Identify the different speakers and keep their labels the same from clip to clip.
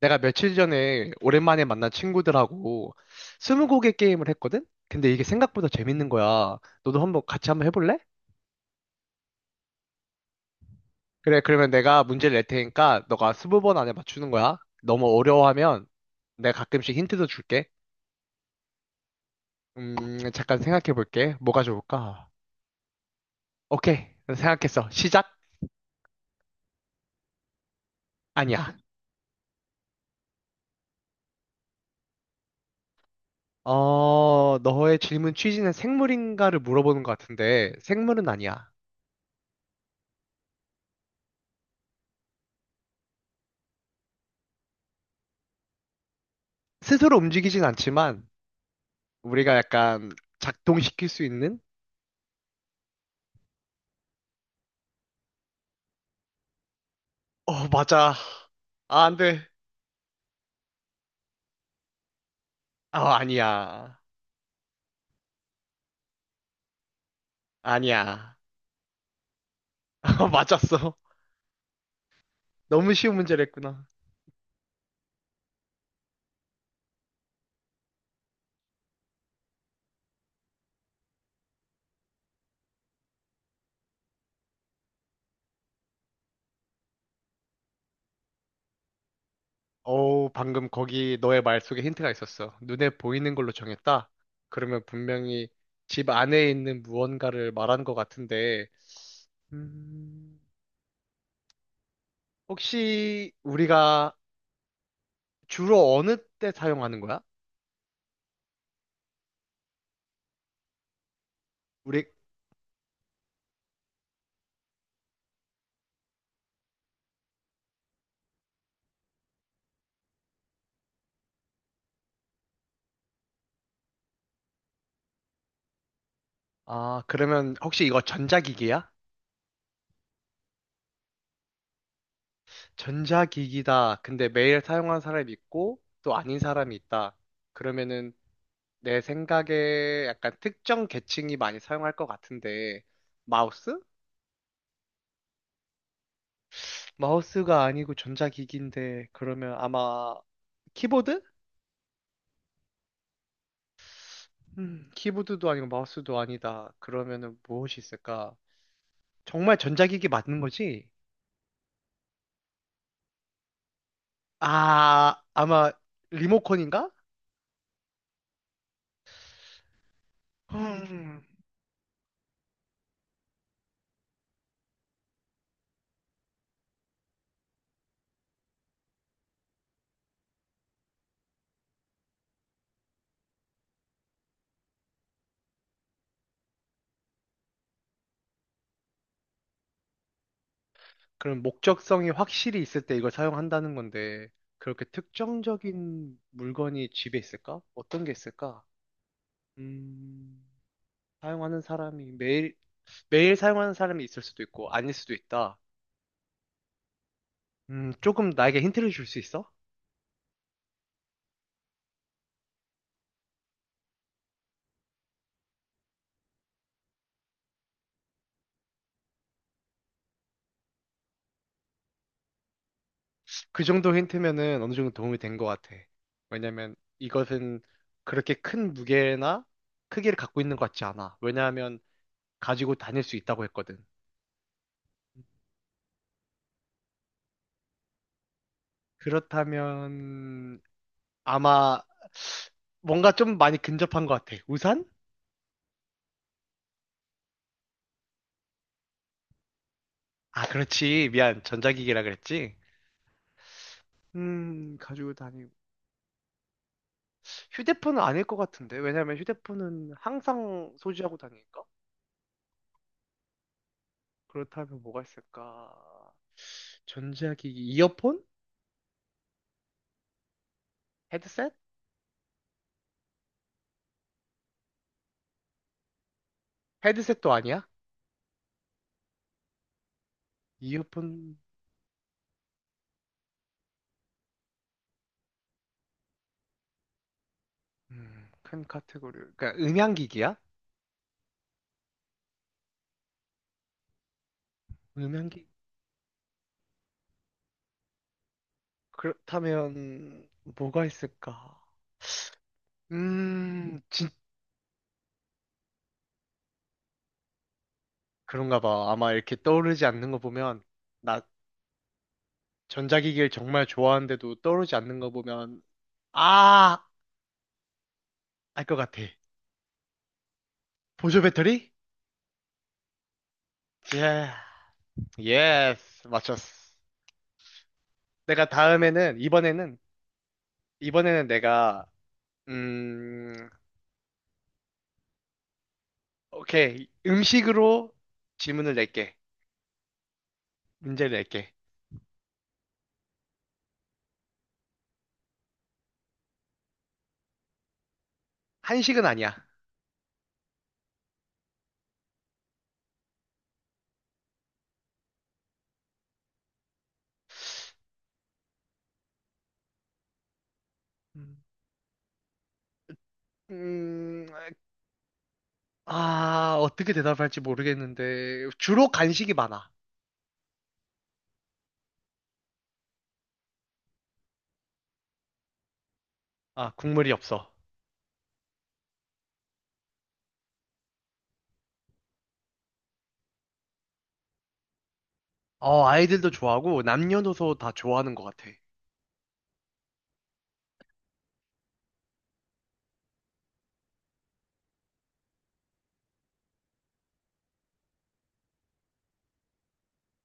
Speaker 1: 내가 며칠 전에 오랜만에 만난 친구들하고 스무고개 게임을 했거든? 근데 이게 생각보다 재밌는 거야. 너도 한번 같이 한번 해볼래? 그래, 그러면 내가 문제를 낼 테니까 너가 스무 번 안에 맞추는 거야. 너무 어려워하면 내가 가끔씩 힌트도 줄게. 잠깐 생각해 볼게. 뭐가 좋을까? 오케이. 생각했어. 시작? 아니야. 어, 너의 질문 취지는 생물인가를 물어보는 것 같은데 생물은 아니야. 스스로 움직이진 않지만 우리가 약간 작동시킬 수 있는. 어, 맞아. 아, 안 돼. 아, 아니야. 아니야. 어, 맞았어. 너무 쉬운 문제를 했구나. 어우, 방금 거기 너의 말 속에 힌트가 있었어. 눈에 보이는 걸로 정했다? 그러면 분명히 집 안에 있는 무언가를 말한 것 같은데, 음, 혹시 우리가 주로 어느 때 사용하는 거야? 우리, 아, 그러면 혹시 이거 전자기기야? 전자기기다. 근데 매일 사용하는 사람이 있고 또 아닌 사람이 있다. 그러면은 내 생각에 약간 특정 계층이 많이 사용할 것 같은데 마우스? 마우스가 아니고 전자기기인데 그러면 아마 키보드? 키보드도 아니고 마우스도 아니다. 그러면은 무엇이 있을까? 정말 전자기기 맞는 거지? 아, 아마 리모컨인가? 음, 그럼 목적성이 확실히 있을 때 이걸 사용한다는 건데, 그렇게 특정적인 물건이 집에 있을까? 어떤 게 있을까? 음, 사용하는 사람이 매일, 매일 사용하는 사람이 있을 수도 있고, 아닐 수도 있다. 조금 나에게 힌트를 줄 수 있어? 그 정도 힌트면은 어느 정도 도움이 된 것 같아. 왜냐면 이것은 그렇게 큰 무게나 크기를 갖고 있는 것 같지 않아. 왜냐하면 가지고 다닐 수 있다고 했거든. 그렇다면, 아마 뭔가 좀 많이 근접한 것 같아. 우산? 아, 그렇지. 미안. 전자기기라 그랬지. 가지고 다니고. 휴대폰은 아닐 것 같은데. 왜냐면 휴대폰은 항상 소지하고 다니니까. 그렇다면 뭐가 있을까? 전자기기, 이어폰? 헤드셋? 헤드셋도 아니야? 이어폰, 큰 카테고리. 그러니까 음향기기야? 음향기? 그렇다면 뭐가 있을까? 진짜 그런가 봐. 아마 이렇게 떠오르지 않는 거 보면, 나 전자기기를 정말 좋아하는데도 떠오르지 않는 거 보면, 아! 알 것 같아. 보조 배터리? 예, 예스. 맞췄어. 내가 다음에는, 이번에는, 이번에는 내가, 음, 오케이. 음식으로 질문을 낼게. 문제를 낼게. 한식은 아니야. 음, 음, 아, 어떻게 대답할지 모르겠는데, 주로 간식이 많아. 아, 국물이 없어. 어, 아이들도 좋아하고 남녀노소 다 좋아하는 것 같아.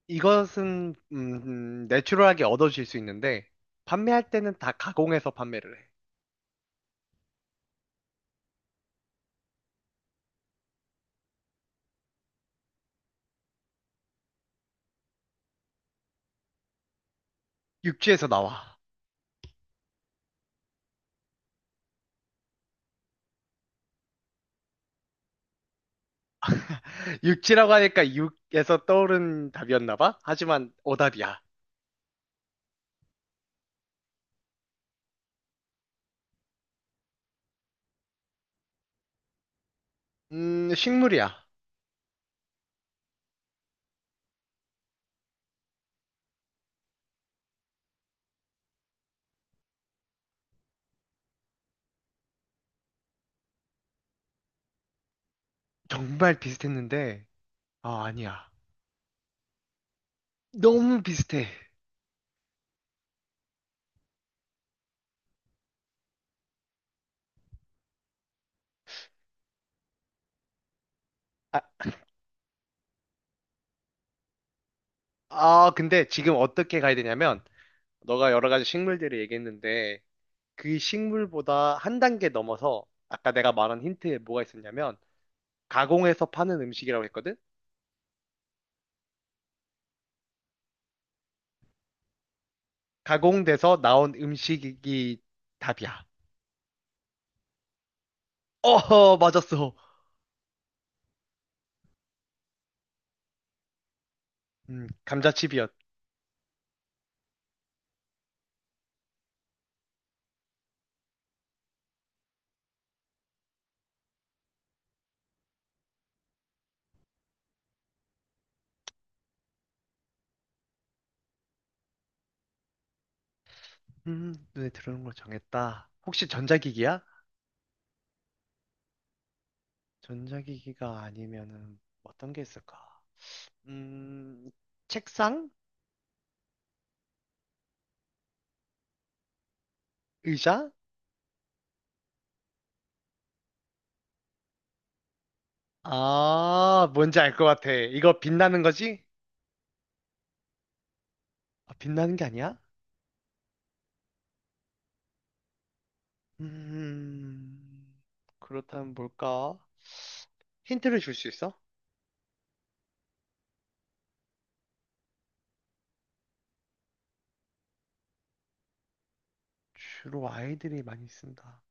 Speaker 1: 이것은 내추럴하게 얻어질 수 있는데 판매할 때는 다 가공해서 판매를 해. 육지에서 나와. 육지라고 하니까 육에서 떠오른 답이었나 봐. 하지만 오답이야. 식물이야. 정말 비슷했는데 아, 아니야. 너무 비슷해. 아, 근데 지금 어떻게 가야 되냐면 너가 여러 가지 식물들을 얘기했는데 그 식물보다 한 단계 넘어서 아까 내가 말한 힌트에 뭐가 있었냐면 가공해서 파는 음식이라고 했거든? 가공돼서 나온 음식이 답이야. 어허, 맞았어. 감자칩이었. 눈에 들어오는 걸 정했다. 혹시 전자기기야? 전자기기가 아니면은 어떤 게 있을까? 음, 책상? 의자? 아, 뭔지 알 것 같아. 이거 빛나는 거지? 아, 빛나는 게 아니야? 음, 그렇다면 뭘까? 힌트를 줄 수 있어? 주로 아이들이 많이 쓴다.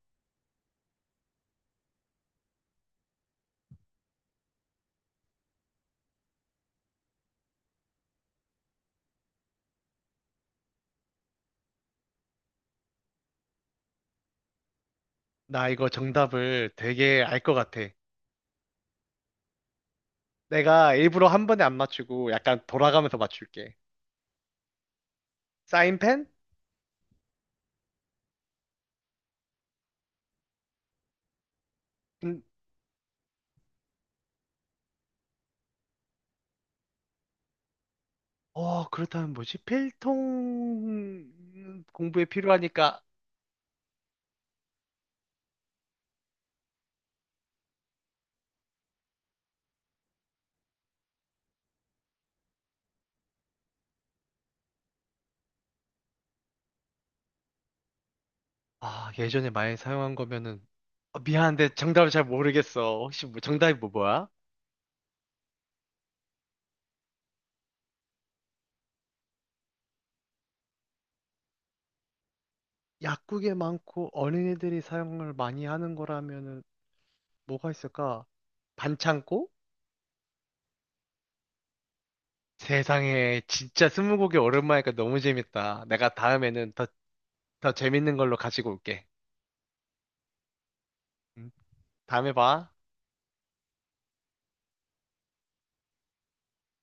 Speaker 1: 나 이거 정답을 되게 알 것 같아. 내가 일부러 한 번에 안 맞추고 약간 돌아가면서 맞출게. 사인펜? 음, 그렇다면 뭐지? 필통 공부에 필요하니까, 아, 예전에 많이 사용한 거면은, 미안한데 정답을 잘 모르겠어. 혹시 뭐, 정답이 뭐야? 약국에 많고 어린이들이 사용을 많이 하는 거라면은 뭐가 있을까? 반창고? 세상에, 진짜 스무고개 오랜만이니까 너무 재밌다. 내가 다음에는 더, 더 재밌는 걸로 가지고 올게. 음, 다음에 봐.